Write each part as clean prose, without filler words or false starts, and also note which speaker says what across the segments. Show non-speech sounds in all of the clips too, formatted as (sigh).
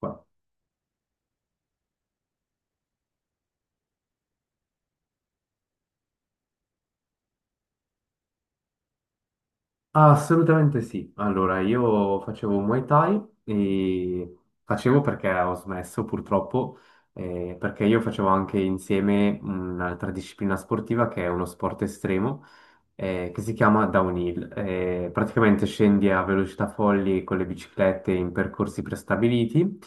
Speaker 1: Qua. Assolutamente sì. Allora, io facevo Muay Thai e facevo perché ho smesso purtroppo, perché io facevo anche insieme un'altra disciplina sportiva che è uno sport estremo, che si chiama downhill. Praticamente scendi a velocità folli con le biciclette in percorsi prestabiliti.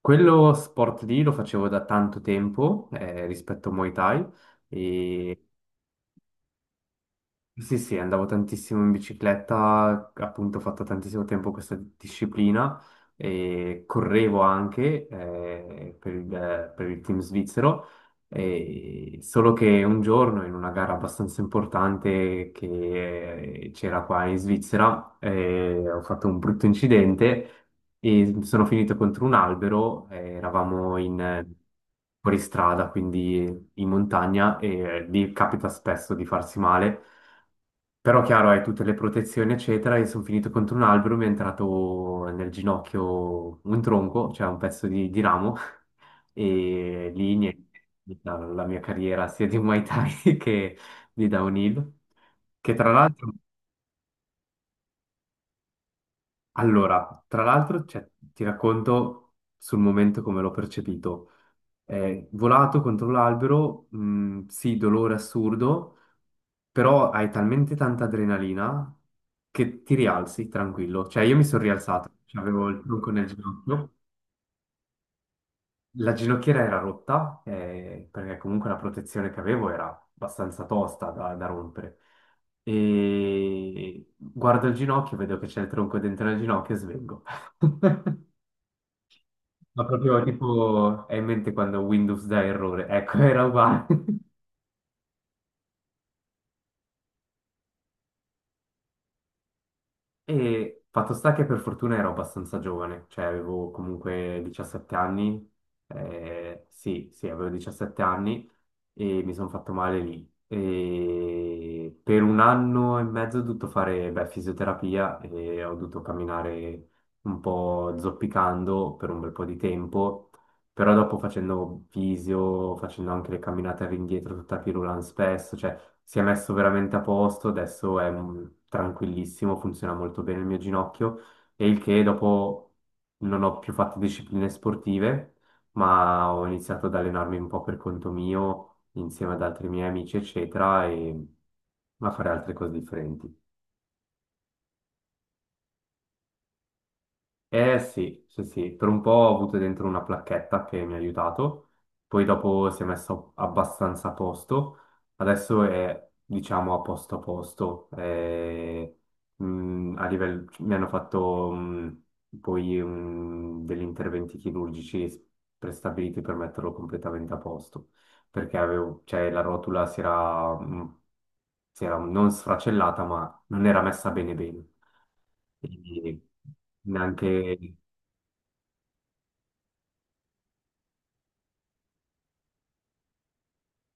Speaker 1: Quello sport lì lo facevo da tanto tempo, rispetto a Muay Thai. E Sì, sì, andavo tantissimo in bicicletta, appunto ho fatto tantissimo tempo questa disciplina e correvo anche per il team svizzero, e solo che un giorno in una gara abbastanza importante che c'era qua in Svizzera ho fatto un brutto incidente e sono finito contro un albero. Eravamo in fuoristrada, quindi in montagna, e lì capita spesso di farsi male. Però chiaro, hai tutte le protezioni, eccetera, e sono finito contro un albero, mi è entrato nel ginocchio un tronco, cioè un pezzo di ramo, (laughs) e lì niente, la mia carriera sia di Muay Thai (laughs) che di downhill, che tra l'altro, allora, tra l'altro, cioè, ti racconto sul momento come l'ho percepito. È volato contro l'albero, sì, dolore assurdo, però hai talmente tanta adrenalina che ti rialzi tranquillo. Cioè, io mi sono rialzato, cioè, avevo il tronco nel ginocchio, la ginocchiera era rotta, perché comunque la protezione che avevo era abbastanza tosta da rompere. E guardo il ginocchio, vedo che c'è il tronco dentro il ginocchio e svengo. (laughs) Ma proprio tipo, è in mente quando Windows dà errore, ecco, era uguale. E fatto sta che per fortuna ero abbastanza giovane, cioè avevo comunque 17 anni, sì, sì, avevo 17 anni e mi sono fatto male lì. E per un anno e mezzo ho dovuto fare, beh, fisioterapia, e ho dovuto camminare un po' zoppicando per un bel po' di tempo. Però dopo facendo visio, facendo anche le camminate all'indietro, tutta pirulan spesso, cioè si è messo veramente a posto. Adesso è tranquillissimo, funziona molto bene il mio ginocchio. E il che dopo non ho più fatto discipline sportive, ma ho iniziato ad allenarmi un po' per conto mio, insieme ad altri miei amici, eccetera, e a fare altre cose differenti. Eh sì, sì, sì, per un po' ho avuto dentro una placchetta che mi ha aiutato, poi dopo si è messo abbastanza a posto. Adesso è diciamo a posto a posto, a livello, mi hanno fatto poi degli interventi chirurgici prestabiliti per metterlo completamente a posto, perché avevo, cioè, la rotula si era, si era non sfracellata ma non era messa bene bene. E neanche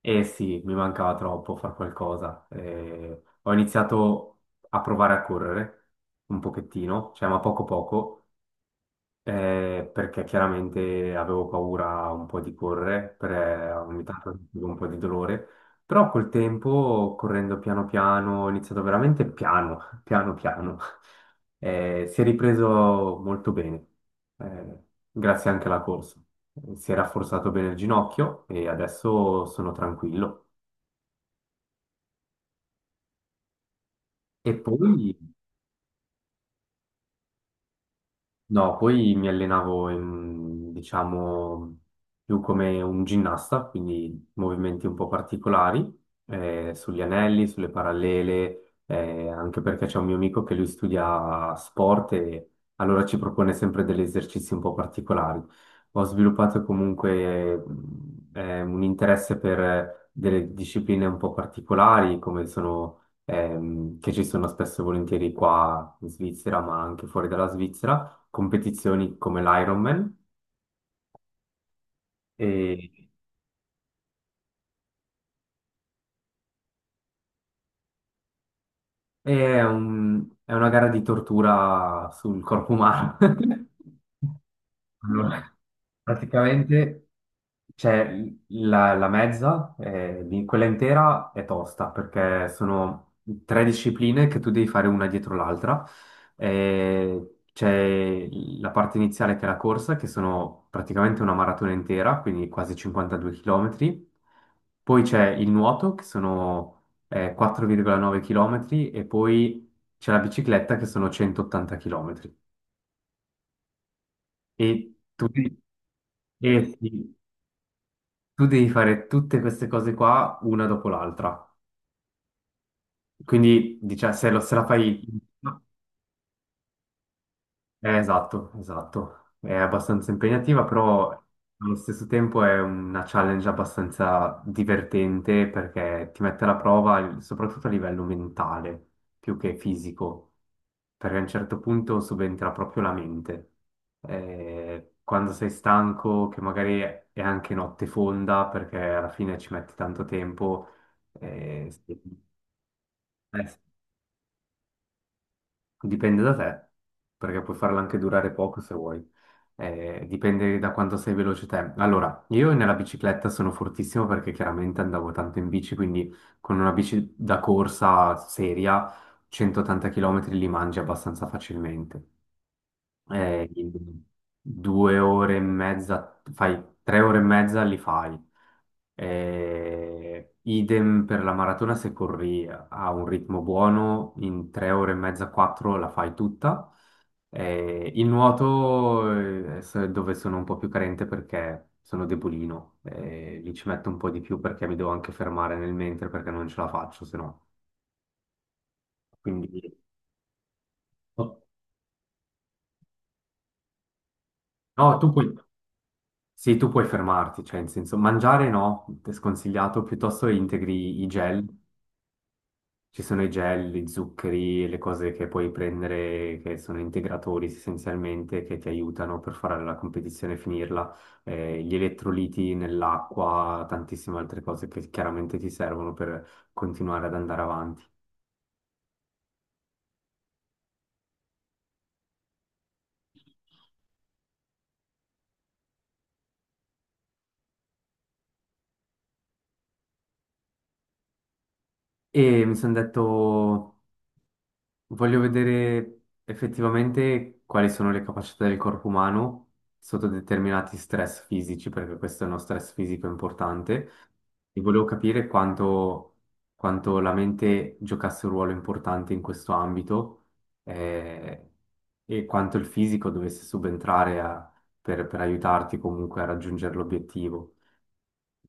Speaker 1: Eh sì, mi mancava troppo far qualcosa. Ho iniziato a provare a correre un pochettino, cioè ma poco poco, perché chiaramente avevo paura un po' di correre, ogni tanto avevo un po' di dolore, però col tempo, correndo piano piano, ho iniziato veramente piano, (laughs) piano piano, si è ripreso molto bene, eh, grazie anche alla corsa. Si è rafforzato bene il ginocchio e adesso sono tranquillo. E poi, No, poi mi allenavo in, diciamo, più come un ginnasta, quindi movimenti un po' particolari, sugli anelli, sulle parallele, anche perché c'è un mio amico che lui studia sport e allora ci propone sempre degli esercizi un po' particolari. Ho sviluppato comunque, un interesse per delle discipline un po' particolari, come sono, che ci sono spesso e volentieri qua in Svizzera, ma anche fuori dalla Svizzera, competizioni come l'Ironman, e, e è una gara di tortura sul corpo umano. (laughs) Allora, praticamente c'è la mezza, quella intera è tosta perché sono tre discipline che tu devi fare una dietro l'altra. C'è la parte iniziale che è la corsa, che sono praticamente una maratona intera, quindi quasi 52 km. Poi c'è il nuoto, che sono 4,9 km, e poi c'è la bicicletta, che sono 180 km. E tutti... tu devi fare tutte queste cose qua una dopo l'altra. Quindi, diciamo, se la fai... esatto, esatto. È abbastanza impegnativa, però allo stesso tempo è una challenge abbastanza divertente perché ti mette alla prova, soprattutto a livello mentale, più che fisico, perché a un certo punto subentra proprio la mente. Quando sei stanco, che magari è anche notte fonda, perché alla fine ci metti tanto tempo, sì. Eh, Dipende da te, perché puoi farla anche durare poco se vuoi. Dipende da quanto sei veloce te. Allora, io nella bicicletta sono fortissimo perché chiaramente andavo tanto in bici, quindi con una bici da corsa seria, 180 km li mangi abbastanza facilmente. In 2 ore e mezza, fai 3 ore e mezza li fai. Idem per la maratona, se corri a un ritmo buono, in 3 ore e mezza, quattro la fai tutta. Il nuoto è dove sono un po' più carente perché sono debolino, lì ci metto un po' di più perché mi devo anche fermare nel mentre perché non ce la faccio, se no. Quindi, no, no, tu puoi, sì, tu puoi fermarti, cioè in senso mangiare no, è sconsigliato, piuttosto integri i gel. Ci sono i gel, gli zuccheri, le cose che puoi prendere che sono integratori essenzialmente che ti aiutano per fare la competizione e finirla, gli elettroliti nell'acqua, tantissime altre cose che chiaramente ti servono per continuare ad andare avanti. E mi sono detto: voglio vedere effettivamente quali sono le capacità del corpo umano sotto determinati stress fisici, perché questo è uno stress fisico importante, e volevo capire quanto, la mente giocasse un ruolo importante in questo ambito, eh, e quanto il fisico dovesse subentrare per aiutarti comunque a raggiungere l'obiettivo.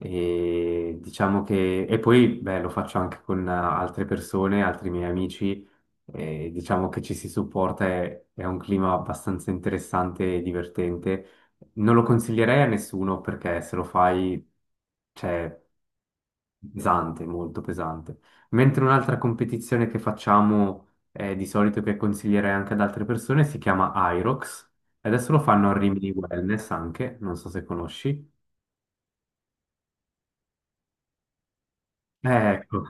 Speaker 1: E diciamo che, e poi beh, lo faccio anche con altre persone, altri miei amici, e diciamo che ci si supporta, è un clima abbastanza interessante e divertente. Non lo consiglierei a nessuno perché se lo fai, cioè, pesante, molto pesante. Mentre un'altra competizione che facciamo, di solito, che consiglierei anche ad altre persone, si chiama Irox. Adesso lo fanno a Rimini Wellness anche, non so se conosci. Eh, Ecco.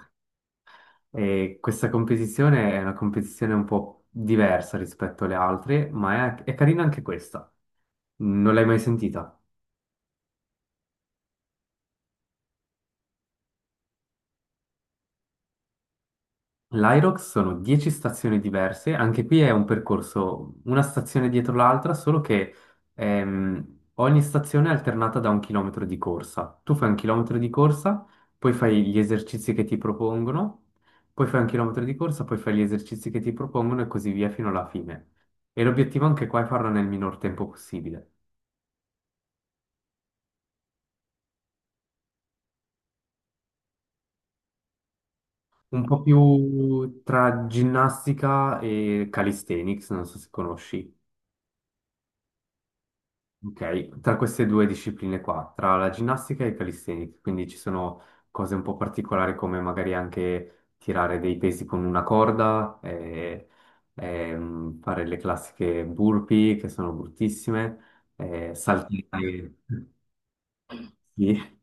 Speaker 1: E questa competizione è una competizione un po' diversa rispetto alle altre, ma è carina anche questa. Non l'hai mai sentita? L'Irox sono 10 stazioni diverse, anche qui è un percorso, una stazione dietro l'altra, solo che ogni stazione è alternata da un chilometro di corsa. Tu fai un chilometro di corsa, poi fai gli esercizi che ti propongono, poi fai un chilometro di corsa, poi fai gli esercizi che ti propongono, e così via fino alla fine. E l'obiettivo anche qua è farlo nel minor tempo possibile. Un po' più tra ginnastica e calisthenics, non so se conosci. Ok, tra queste due discipline qua, tra la ginnastica e il calisthenics, quindi ci sono cose un po' particolari come magari anche tirare dei pesi con una corda, fare le classiche burpee che sono bruttissime, saltare, (laughs) sì,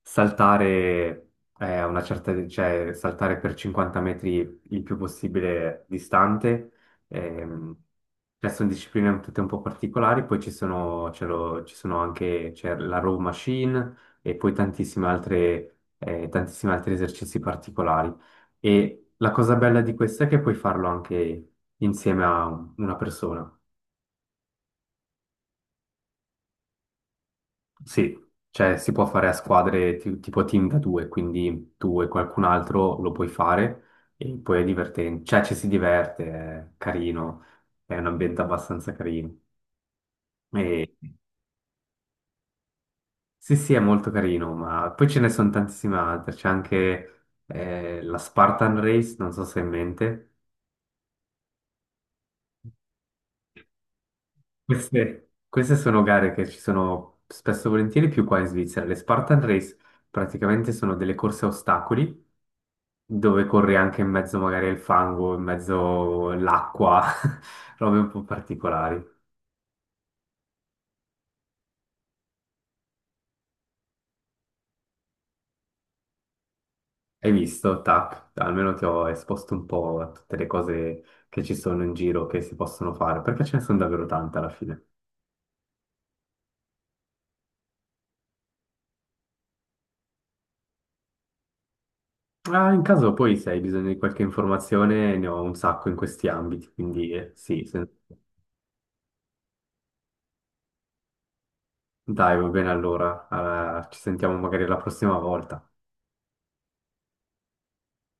Speaker 1: saltare a una certa, cioè saltare per 50 metri il più possibile distante. Ehm, cioè, sono discipline tutte un po' particolari, poi ci sono, ci sono anche, c'è la row machine e poi tantissime altre, tantissimi altri esercizi particolari. E la cosa bella di questo è che puoi farlo anche insieme a una persona. Sì, cioè si può fare a squadre, tipo team da due, quindi tu e qualcun altro lo puoi fare, e poi è divertente, cioè ci si diverte, è carino, è un ambiente abbastanza carino. E- Sì, sì, è molto carino, ma poi ce ne sono tantissime altre, c'è anche la Spartan Race, non so se hai in mente. Queste sono gare che ci sono spesso e volentieri più qua in Svizzera. Le Spartan Race praticamente sono delle corse a ostacoli dove corri anche in mezzo magari al fango, in mezzo all'acqua, (laughs) robe un po' particolari. Hai visto? Tac, almeno ti ho esposto un po' a tutte le cose che ci sono in giro, che si possono fare, perché ce ne sono davvero tante alla fine. Ah, in caso poi se hai bisogno di qualche informazione, ne ho un sacco in questi ambiti, quindi sì, dai, va bene allora. Ah, ci sentiamo magari la prossima volta.